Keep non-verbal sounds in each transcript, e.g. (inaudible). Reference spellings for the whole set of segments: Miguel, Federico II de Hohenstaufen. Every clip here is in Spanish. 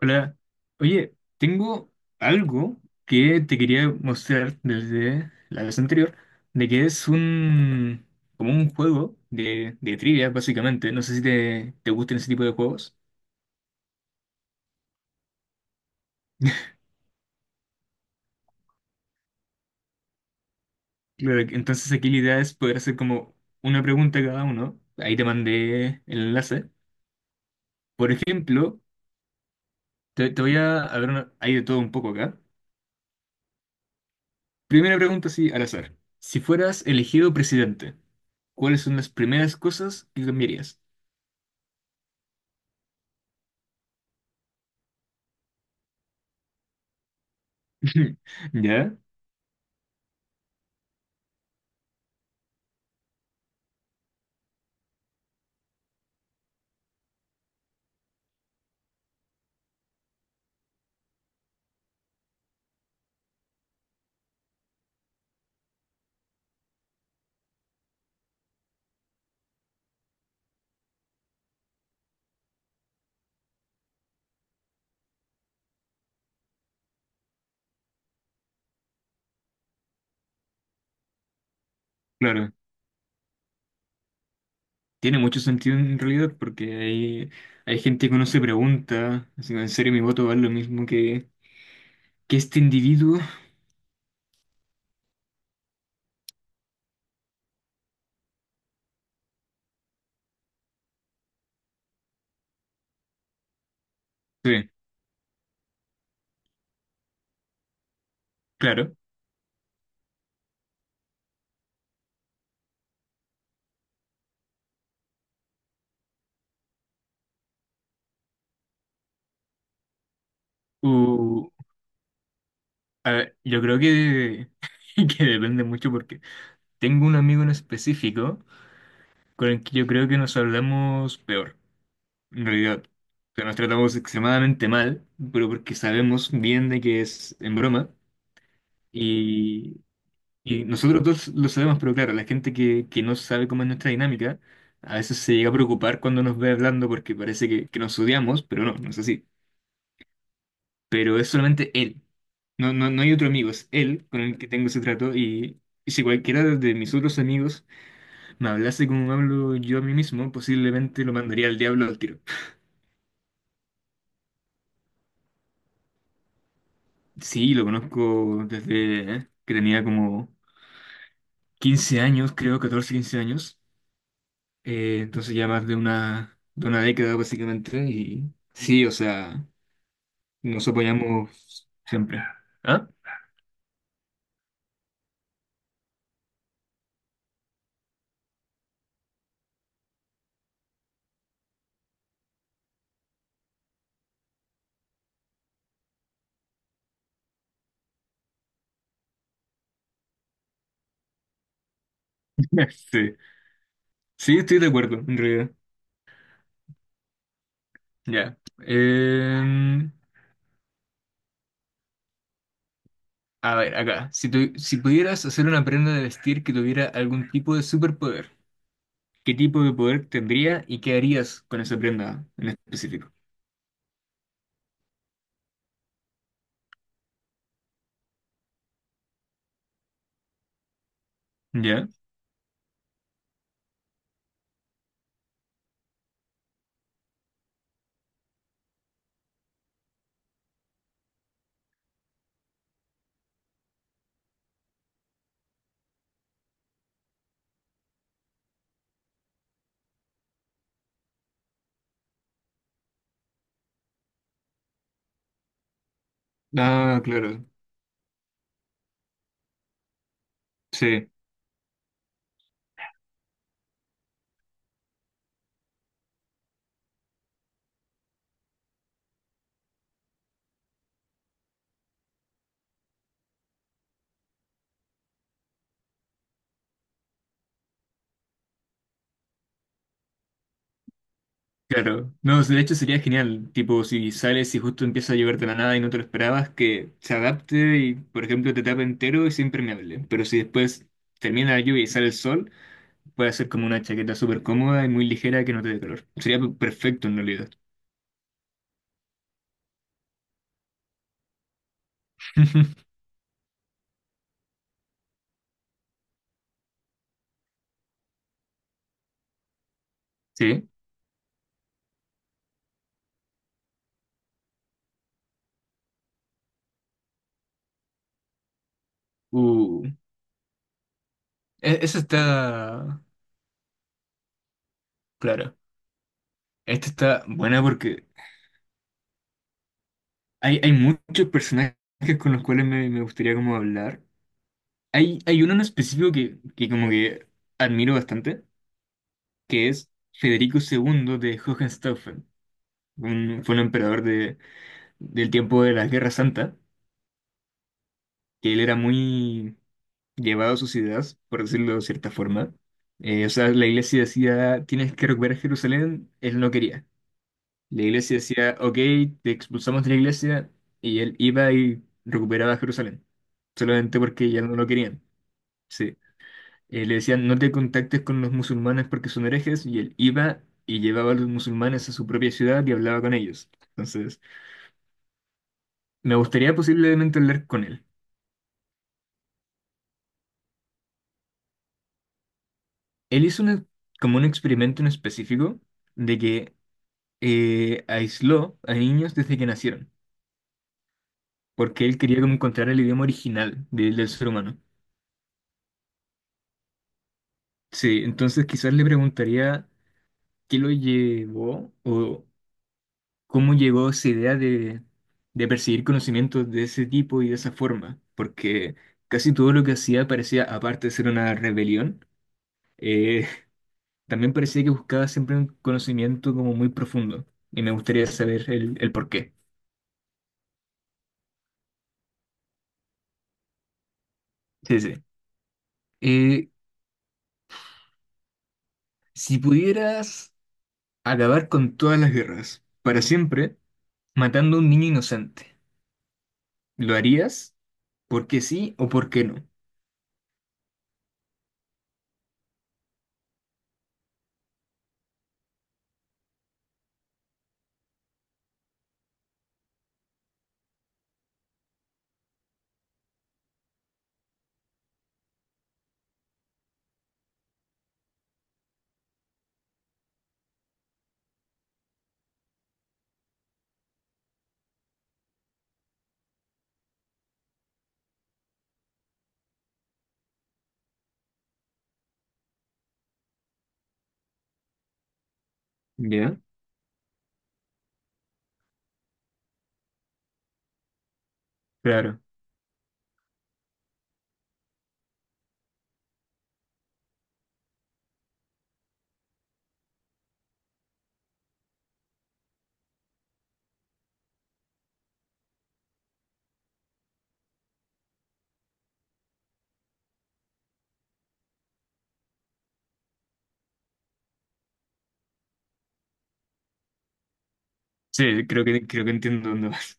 Hola, oye, tengo algo que te quería mostrar desde la vez anterior, de que es un como un juego de trivia, básicamente. No sé si te gustan ese tipo de juegos. Claro, entonces aquí la idea es poder hacer como una pregunta cada uno. Ahí te mandé el enlace. Por ejemplo, te voy a ver, hay de todo un poco acá. Primera pregunta, sí, al azar. Si fueras elegido presidente, ¿cuáles son las primeras cosas que cambiarías? (laughs) Ya, claro. Tiene mucho sentido en realidad porque hay gente que uno se pregunta, así, ¿en serio mi voto vale lo mismo que este individuo? Sí, claro. O, a ver, yo creo que, (laughs) que depende mucho porque tengo un amigo en específico con el que yo creo que nos hablamos peor, en realidad. O sea, nos tratamos extremadamente mal, pero porque sabemos bien de que es en broma. Y nosotros dos lo sabemos, pero claro, la gente que no sabe cómo es nuestra dinámica, a veces se llega a preocupar cuando nos ve hablando porque parece que nos odiamos, pero no, no es así. Pero es solamente él. No, no, no hay otro amigo, es él con el que tengo ese trato y si cualquiera de mis otros amigos me hablase como hablo yo a mí mismo, posiblemente lo mandaría al diablo al tiro. Sí, lo conozco desde ¿eh? Que tenía como 15 años, creo, 14 15 años. Entonces ya más de de una década básicamente y sí, o sea, nos apoyamos siempre. ¿Ah? (laughs) Sí, sí, estoy de acuerdo, en realidad. Ya. A ver, acá, si, si pudieras hacer una prenda de vestir que tuviera algún tipo de superpoder, ¿qué tipo de poder tendría y qué harías con esa prenda en específico? ¿Ya? Ah, claro. Sí. Claro, no, de hecho sería genial, tipo si sales y justo empieza a llover de la nada y no te lo esperabas, que se adapte y por ejemplo te tape entero y sea impermeable, pero si después termina la lluvia y sale el sol, puede ser como una chaqueta súper cómoda y muy ligera que no te dé calor. Sería perfecto en realidad. (laughs) Sí, uh, eso está claro, esta está buena porque hay muchos personajes con los cuales me gustaría como hablar. Hay uno en específico que como que admiro bastante que es Federico II de Hohenstaufen. Fue un emperador del tiempo de la Guerra Santa, que él era muy llevado a sus ideas, por decirlo de cierta forma. O sea, la iglesia decía, tienes que recuperar Jerusalén, él no quería. La iglesia decía, ok, te expulsamos de la iglesia, y él iba y recuperaba Jerusalén, solamente porque ya no lo querían. Sí. Le decían, no te contactes con los musulmanes porque son herejes, y él iba y llevaba a los musulmanes a su propia ciudad y hablaba con ellos. Entonces, me gustaría posiblemente hablar con él. Él hizo una- Como un experimento en específico de que aisló a niños desde que nacieron, porque él quería como encontrar el idioma original del ser humano. Sí, entonces quizás le preguntaría qué lo llevó o ¿cómo llegó esa idea de perseguir conocimientos de ese tipo y de esa forma? Porque casi todo lo que hacía parecía, aparte de ser una rebelión, eh, (laughs) también parecía que buscaba siempre un conocimiento como muy profundo. Y me gustaría saber el por qué. Sí, sí. Eh, si pudieras acabar con todas las guerras, para siempre, matando a un niño inocente, ¿lo harías? ¿Por qué sí o por qué no? ¿Ya? Claro. Sí, creo que entiendo dónde vas.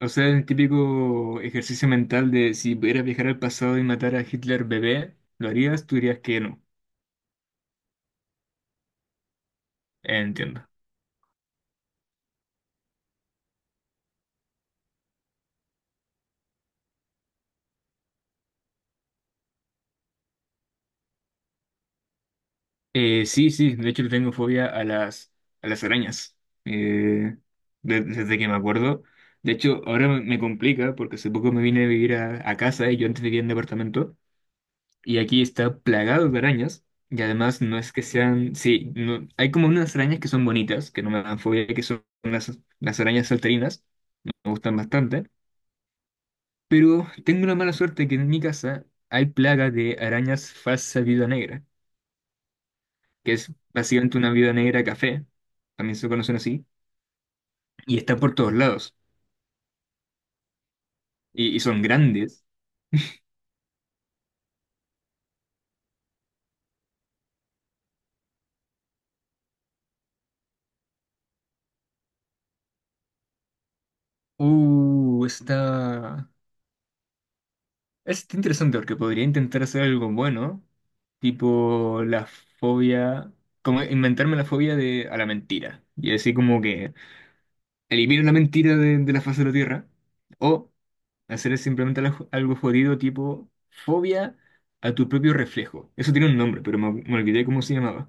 O sea, el típico ejercicio mental de si pudieras viajar al pasado y matar a Hitler bebé, ¿lo harías? Tú dirías que no. Entiendo. Sí, sí, de hecho le tengo fobia a a las arañas. Eh, Desde que me acuerdo. De hecho, ahora me complica porque hace poco me vine a vivir a casa y yo antes vivía en departamento y aquí está plagado de arañas. Y además no es que sean, sí, hay como unas arañas que son bonitas, que no me dan fobia, que son las arañas salterinas, me gustan bastante. Pero tengo una mala suerte que en mi casa hay plaga de arañas falsa viuda negra, que es básicamente una viuda negra café, también se conocen así, y están por todos lados, y son grandes. Está... Está interesante porque podría intentar hacer algo bueno, tipo la fobia, como inventarme la fobia de, a la mentira, y así como que elimino la mentira de la faz de la Tierra, o hacer es simplemente algo jodido tipo fobia a tu propio reflejo. Eso tiene un nombre, pero me olvidé cómo se llamaba.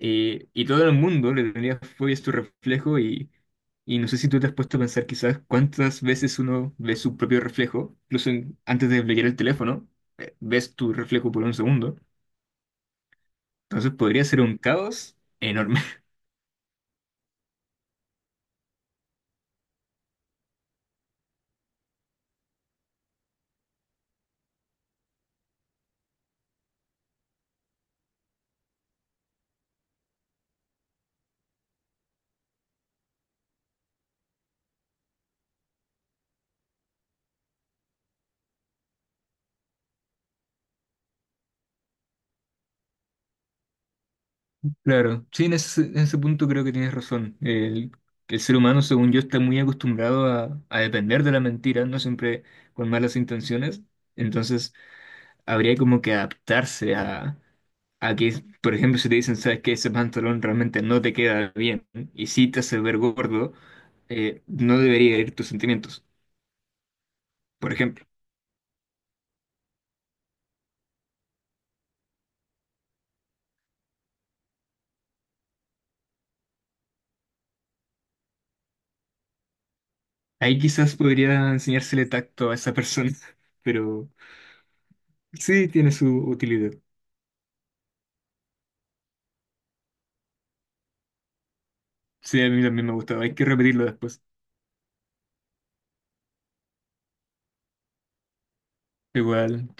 Y todo el mundo le tendría fobia a su reflejo y no sé si tú te has puesto a pensar quizás cuántas veces uno ve su propio reflejo, incluso antes de leer el teléfono, ves tu reflejo por un segundo. Entonces podría ser un caos enorme. Claro, sí, en en ese punto creo que tienes razón. El ser humano, según yo, está muy acostumbrado a depender de la mentira, no siempre con malas intenciones. Entonces, habría como que adaptarse a que, por ejemplo, si te dicen, sabes que ese pantalón realmente no te queda bien y si te hace ver gordo, no debería ir tus sentimientos, por ejemplo. Ahí quizás podría enseñársele tacto a esa persona, (laughs) pero sí tiene su utilidad. Sí, a mí también me ha gustado, hay que repetirlo después. Igual.